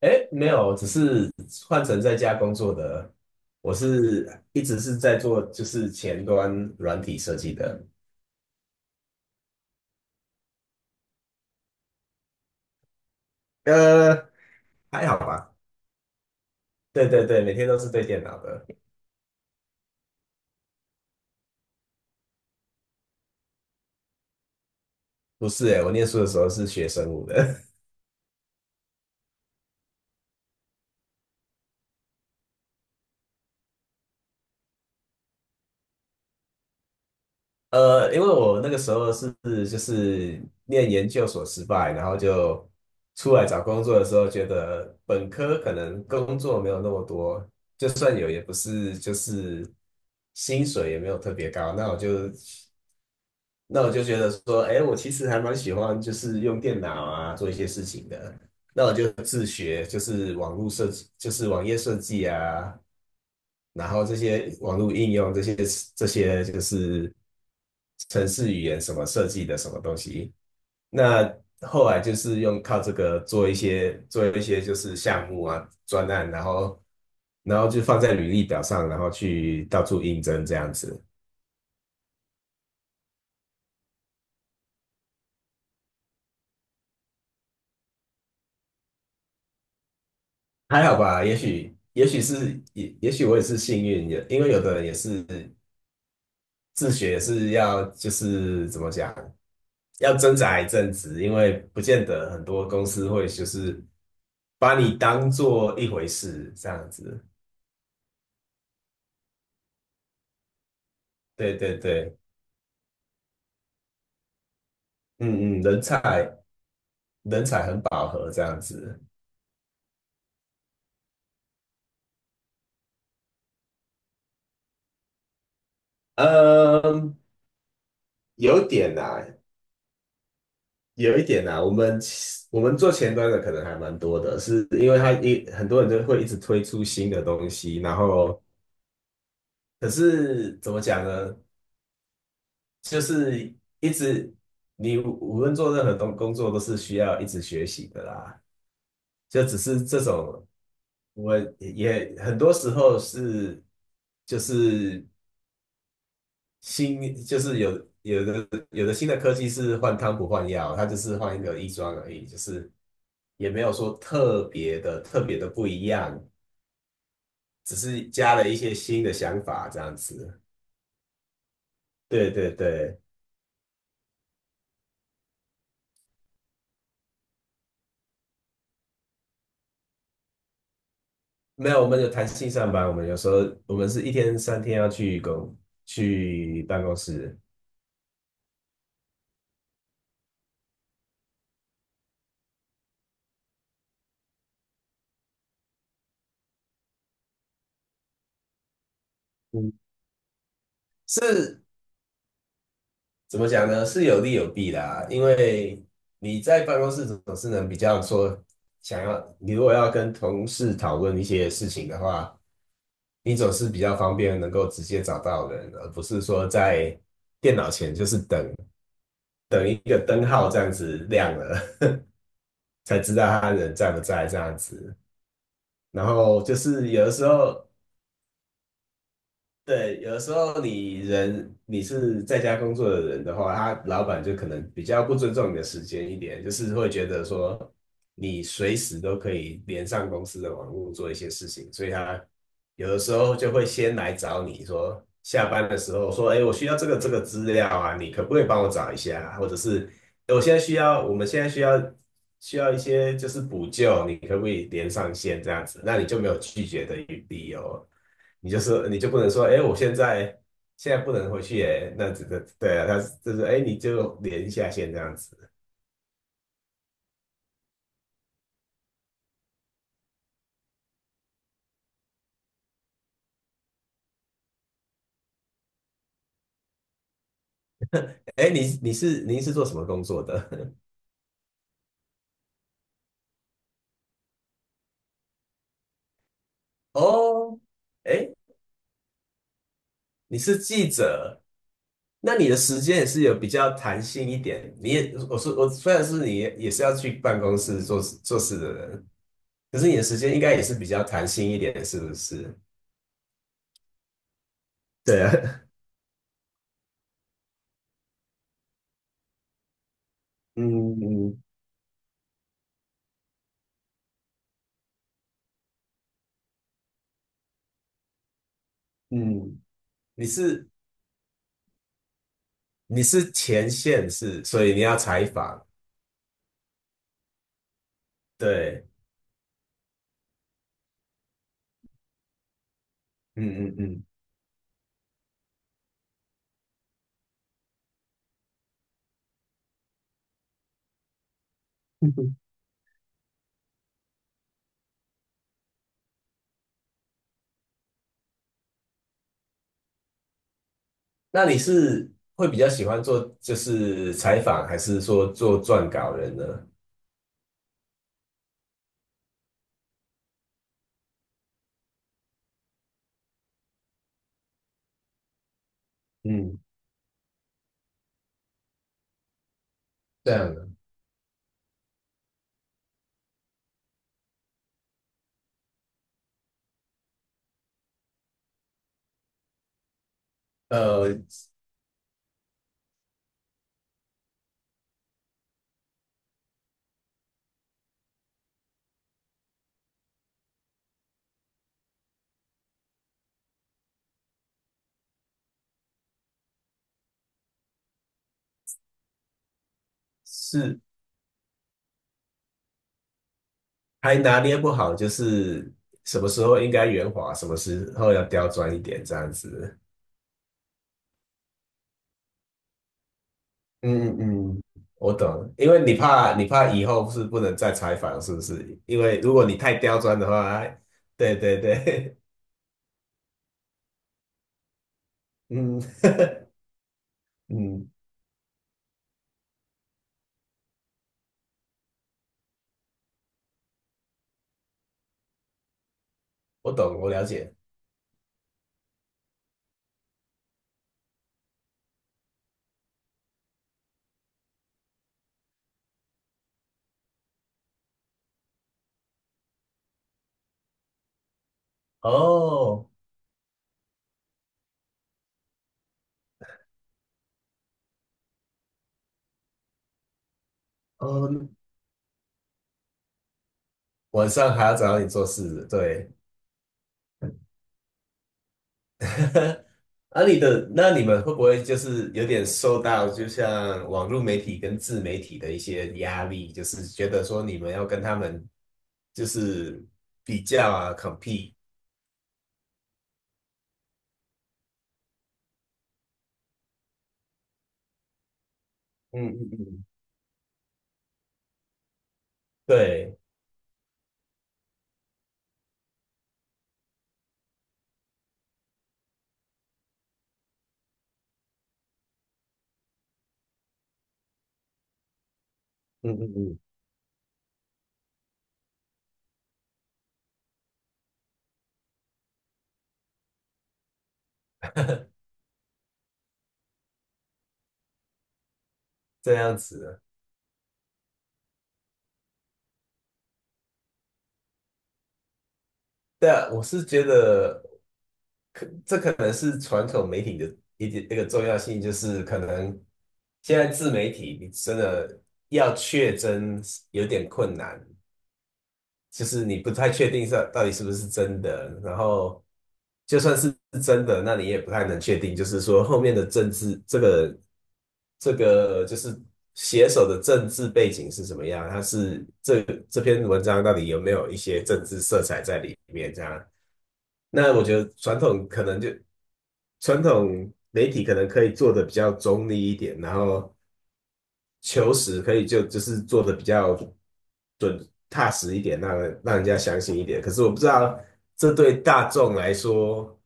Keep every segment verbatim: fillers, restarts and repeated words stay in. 哎，没有，只是换成在家工作的。我是一直是在做就是前端软体设计的，呃，还好吧。对对对，每天都是对电脑的。不是哎，我念书的时候是学生物的，呃，因为我那个时候是就是念研究所失败，然后就出来找工作的时候，觉得本科可能工作没有那么多，就算有也不是就是薪水也没有特别高，那我就那我就觉得说，哎，我其实还蛮喜欢，就是用电脑啊做一些事情的。那我就自学，就是网络设计，就是网页设计啊，然后这些网络应用，这些这些就是程式语言什么设计的什么东西。那后来就是用靠这个做一些做一些就是项目啊专案，然后然后就放在履历表上，然后去到处应征这样子。还好吧，也许也许是也也许我也是幸运，也因为有的人也是自学是要就是怎么讲，要挣扎一阵子，因为不见得很多公司会就是把你当做一回事这样子。对对对，嗯嗯，人才人才很饱和这样子。嗯，有一点呐、有一点呐、我们其我们做前端的可能还蛮多的，是因为他一很多人就会一直推出新的东西，然后可是怎么讲呢？就是一直你无无论做任何东工作都是需要一直学习的啦。就只是这种，我也很多时候是就是新就是有有的有的新的科技是换汤不换药，它就是换一个衣装而已，就是也没有说特别的特别的不一样，只是加了一些新的想法这样子。对对对。没有，我们有弹性上班，我们有时候我们是一天三天要去公去办公室，嗯，是怎么讲呢？是有利有弊啦，因为你在办公室总是能比较说想要，你如果要跟同事讨论一些事情的话，你总是比较方便能够直接找到人，而不是说在电脑前就是等等一个灯号这样子亮了 才知道他人在不在这样子。然后就是有的时候对，有的时候你人你是在家工作的人的话，他老板就可能比较不尊重你的时间一点，就是会觉得说你随时都可以连上公司的网络做一些事情，所以他有的时候就会先来找你说，下班的时候说，哎，我需要这个这个资料啊，你可不可以帮我找一下啊？或者是诶我现在需要，我们现在需要需要一些就是补救，你可不可以连上线这样子？那你就没有拒绝的余地哦。你就是，你就不能说，哎，我现在现在不能回去，耶，那这个对啊，他就是哎，你就连下线这样子。哎，你你是您是做什么工作的？哦，哎，你是记者，那你的时间也是有比较弹性一点。你也我说我虽然是你也是要去办公室做事做事的人，可是你的时间应该也是比较弹性一点，是不是？对啊，嗯嗯嗯，你是你是前线是，所以你要采访。对，嗯嗯嗯，嗯那你是会比较喜欢做就是采访，还是说做撰稿人呢？嗯，这样的，呃，是还拿捏不好，就是什么时候应该圆滑，什么时候要刁钻一点，这样子。嗯嗯嗯我懂，因为你怕你怕以后是不能再采访，是不是？因为如果你太刁钻的话，哎对对对，嗯嗯，我懂，我了解。哦，哦，晚上还要找你做事，对。啊，你的，那你们会不会就是有点受到，就像网络媒体跟自媒体的一些压力，就是觉得说你们要跟他们就是比较啊，compete，嗯嗯嗯对，嗯嗯嗯，这样子。对啊，我是觉得可，这可能是传统媒体的一点那个重要性，就是可能现在自媒体你真的要确真有点困难。就是你不太确定是到底是不是真的，然后就算是真的，那你也不太能确定，就是说后面的政治这个这个就是写手的政治背景是什么样，他是这这篇文章到底有没有一些政治色彩在里面这样？那我觉得传统可能就传统媒体可能可以做的比较中立一点，然后求实可以就就是做的比较准踏实一点，让人让人家相信一点。可是我不知道这对大众来说，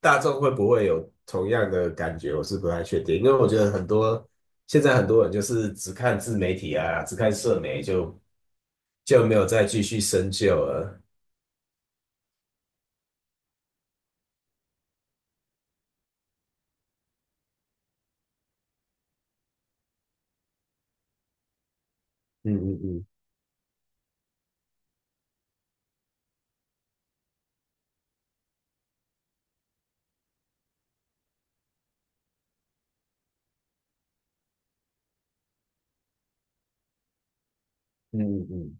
大众会不会有同样的感觉，我是不太确定。因为我觉得很多现在很多人就是只看自媒体啊，只看社媒就就没有再继续深究了。嗯嗯嗯嗯嗯嗯，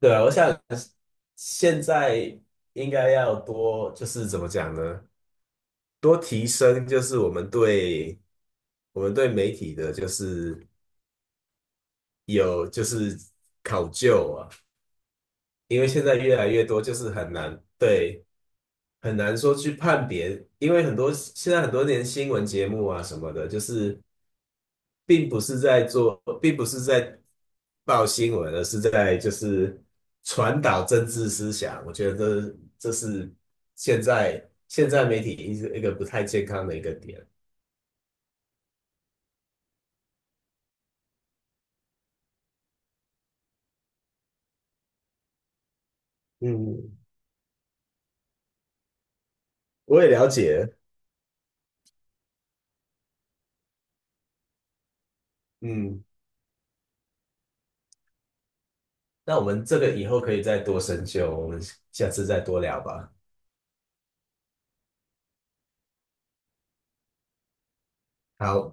对啊，我想现在应该要多就是怎么讲呢？多提升就是我们对我们对媒体的，就是有就是考究啊，因为现在越来越多，就是很难对很难说去判别，因为很多现在很多年新闻节目啊什么的，就是并不是在做，并不是在报新闻，而是在就是传导政治思想。我觉得这这是现在现在媒体一个一个不太健康的一个点。嗯，我也了解，嗯，那我们这个以后可以再多深究，我们下次再多聊吧。好，拜。